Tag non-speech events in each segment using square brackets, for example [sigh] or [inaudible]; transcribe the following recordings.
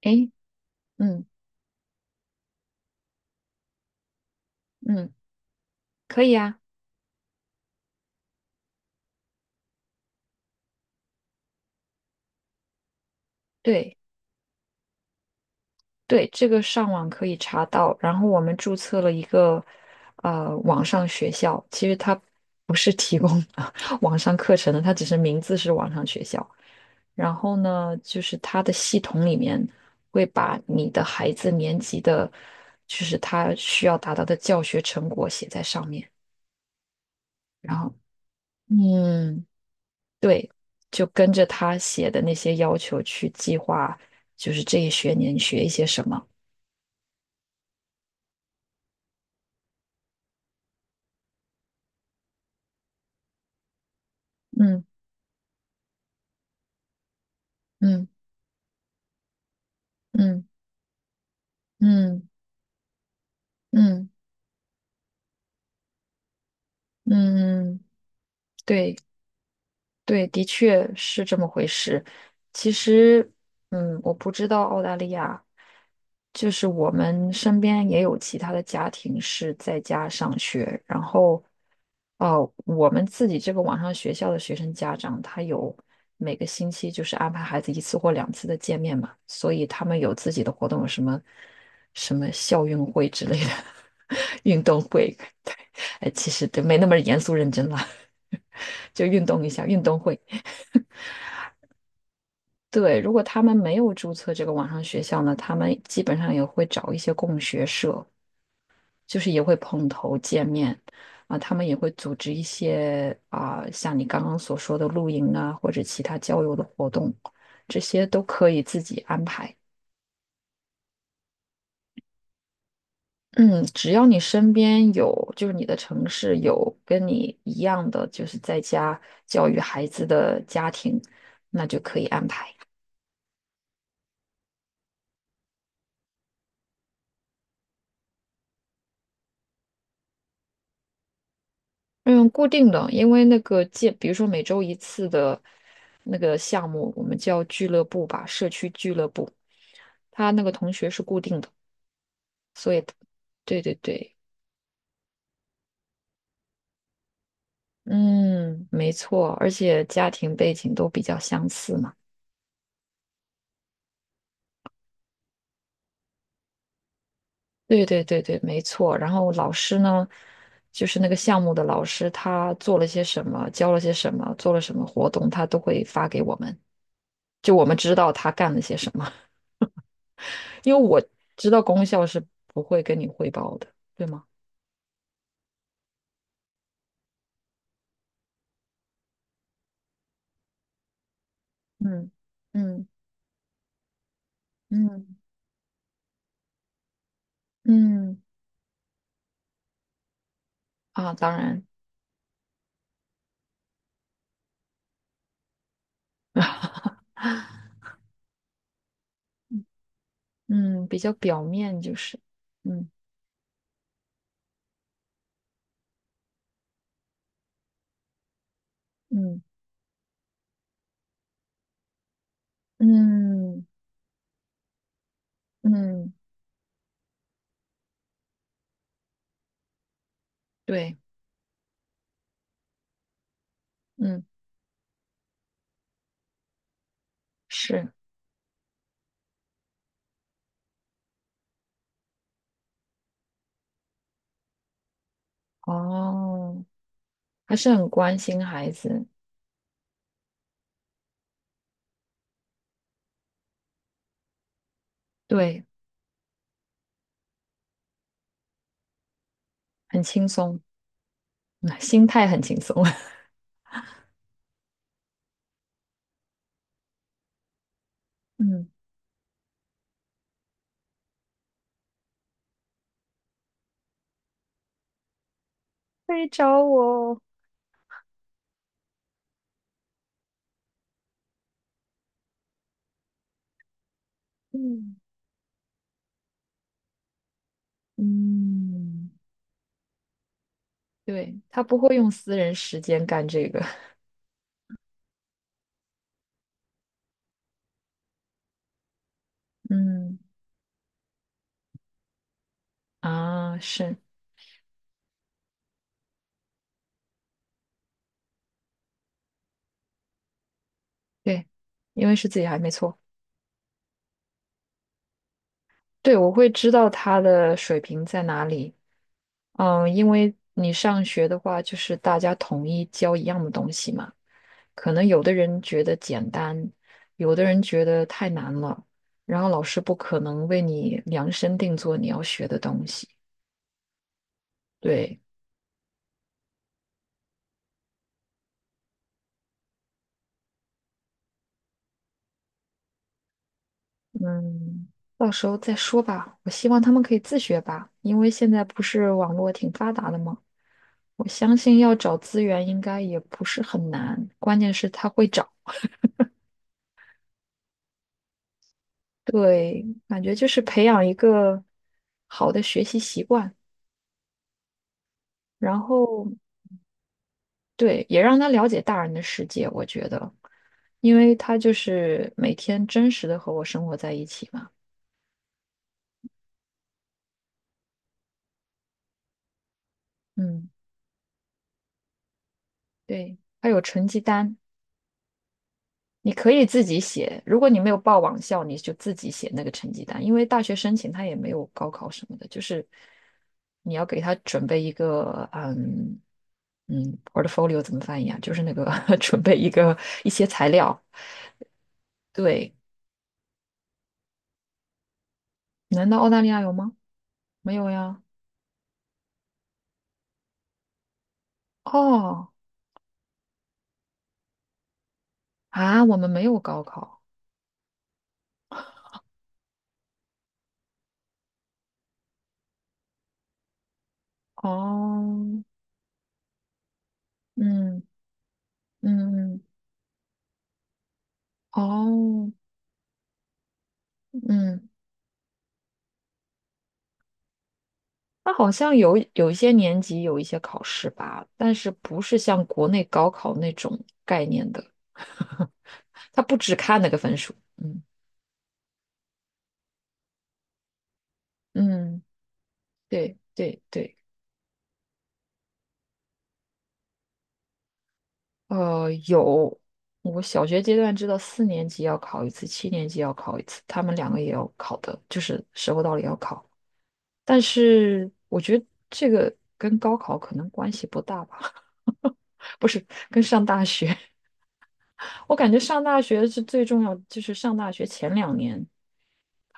诶，嗯嗯，可以啊。对对，这个上网可以查到。然后我们注册了一个网上学校，其实它不是提供 [laughs] 网上课程的，它只是名字是网上学校。然后呢，就是它的系统里面会把你的孩子年级的，就是他需要达到的教学成果写在上面。然后，嗯。对，就跟着他写的那些要求去计划，就是这一学年学一些什么。嗯嗯嗯嗯嗯嗯，嗯嗯对对，的确是这么回事。其实，嗯，我不知道澳大利亚，就是我们身边也有其他的家庭是在家上学，然后，哦、我们自己这个网上学校的学生家长，他有每个星期就是安排孩子一次或两次的见面嘛，所以他们有自己的活动，有什么什么校运会之类的 [laughs] 运动会，[laughs] 对。哎，其实对，没那么严肃认真了，[laughs] 就运动一下，运动会。对，如果他们没有注册这个网上学校呢，他们基本上也会找一些共学社，就是也会碰头见面。啊，他们也会组织一些啊，像你刚刚所说的露营啊，或者其他郊游的活动，这些都可以自己安排。嗯，只要你身边有，就是你的城市有跟你一样的，就是在家教育孩子的家庭，那就可以。嗯，固定的，因为那个见，比如说每周一次的那个项目，我们叫俱乐部吧，社区俱乐部，他那个同学是固定的，所以，对对对，嗯，没错，而且家庭背景都比较相似嘛。对对对对，没错。然后老师呢，就是那个项目的老师，他做了些什么，教了些什么，做了什么活动，他都会发给我们，就我们知道他干了些什么。因为我知道功效是不会跟你汇报的，对吗？嗯嗯嗯嗯啊，当然，嗯，比较表面就是，嗯，嗯嗯嗯对，嗯，是，哦，还是很关心孩子，对，很轻松，嗯心态很轻松，[laughs] 嗯，可以找我哦嗯嗯，对，他不会用私人时间干这个 [laughs] 嗯啊，是。对，因为是自己还没错。对，我会知道他的水平在哪里。嗯，因为你上学的话，就是大家统一教一样的东西嘛。可能有的人觉得简单，有的人觉得太难了，然后老师不可能为你量身定做你要学的东西。对，嗯，到时候再说吧。我希望他们可以自学吧，因为现在不是网络挺发达的吗？我相信要找资源应该也不是很难，关键是他会找。对，感觉就是培养一个好的学习习惯，然后对，也让他了解大人的世界。我觉得，因为他就是每天真实的和我生活在一起嘛。嗯，对，还有成绩单。你可以自己写，如果你没有报网校，你就自己写那个成绩单，因为大学申请它也没有高考什么的，就是你要给他准备一个，嗯嗯，portfolio 怎么翻译啊？就是那个 [laughs] 准备一个一些材料。对，难道澳大利亚有吗？没有呀。哦啊，我们没有高考。哦，嗯嗯，嗯哦嗯。他好像有一些年级有一些考试吧，但是不是像国内高考那种概念的，[laughs] 他不只看那个分数。嗯嗯，对对对，有，我小学阶段知道4年级要考一次，7年级要考一次，他们两个也要考的，就是时候到了也要考。但是我觉得这个跟高考可能关系不大吧，[laughs] 不是，跟上大学。[laughs] 我感觉上大学是最重要，就是上大学前2年。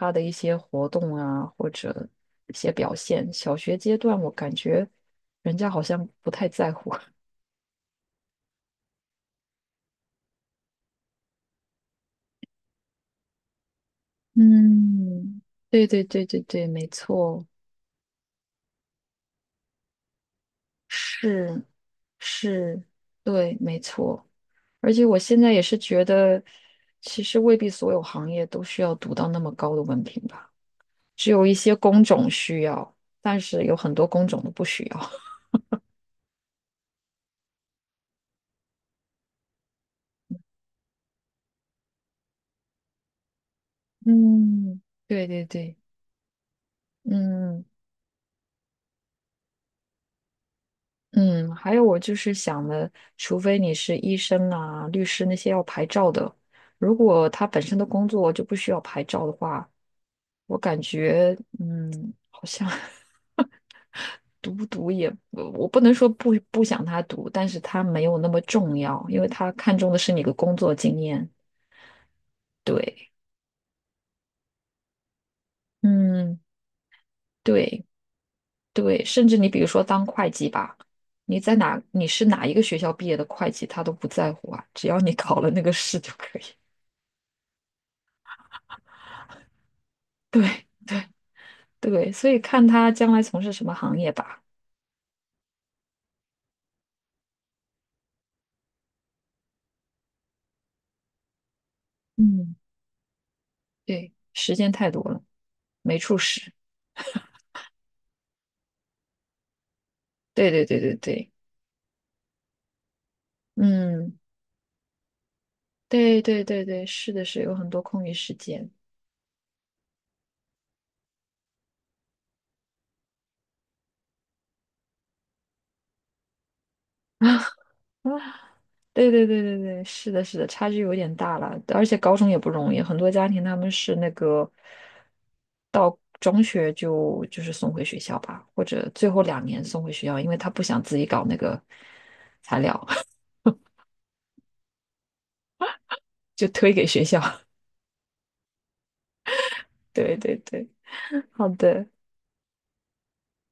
他的一些活动啊，或者一些表现。小学阶段，我感觉人家好像不太在乎。[laughs] 嗯，对对对对对，没错，是是，对，没错。而且我现在也是觉得，其实未必所有行业都需要读到那么高的文凭吧，只有一些工种需要，但是有很多工种都不需要。[laughs] 嗯，对对对，嗯。嗯，还有我就是想的，除非你是医生啊、律师那些要牌照的，如果他本身的工作就不需要牌照的话，我感觉嗯，好像 [laughs] 读不读也，我不能说不想他读，但是他没有那么重要，因为他看重的是你的工作经验。对，嗯，对对，甚至你比如说当会计吧，你在哪你是哪一个学校毕业的会计，他都不在乎啊，只要你 [laughs] 考了那个试就可以。[laughs] 对，对，所以看他将来从事什么行业吧。嗯，对，时间太多了，没处使。对对对对对，嗯，对对对对，是的是，有很多空余时间。[laughs] 啊，对对对对对，是的，是的，差距有点大了，而且高中也不容易，很多家庭他们是那个到中学就是送回学校吧，或者最后2年送回学校，因为他不想自己搞那个材料，[laughs] 就推给学校。[laughs] 对对对，[laughs] 好的。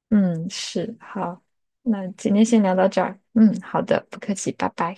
嗯，是，好，那今天先聊到这儿。嗯，好的，不客气，拜拜。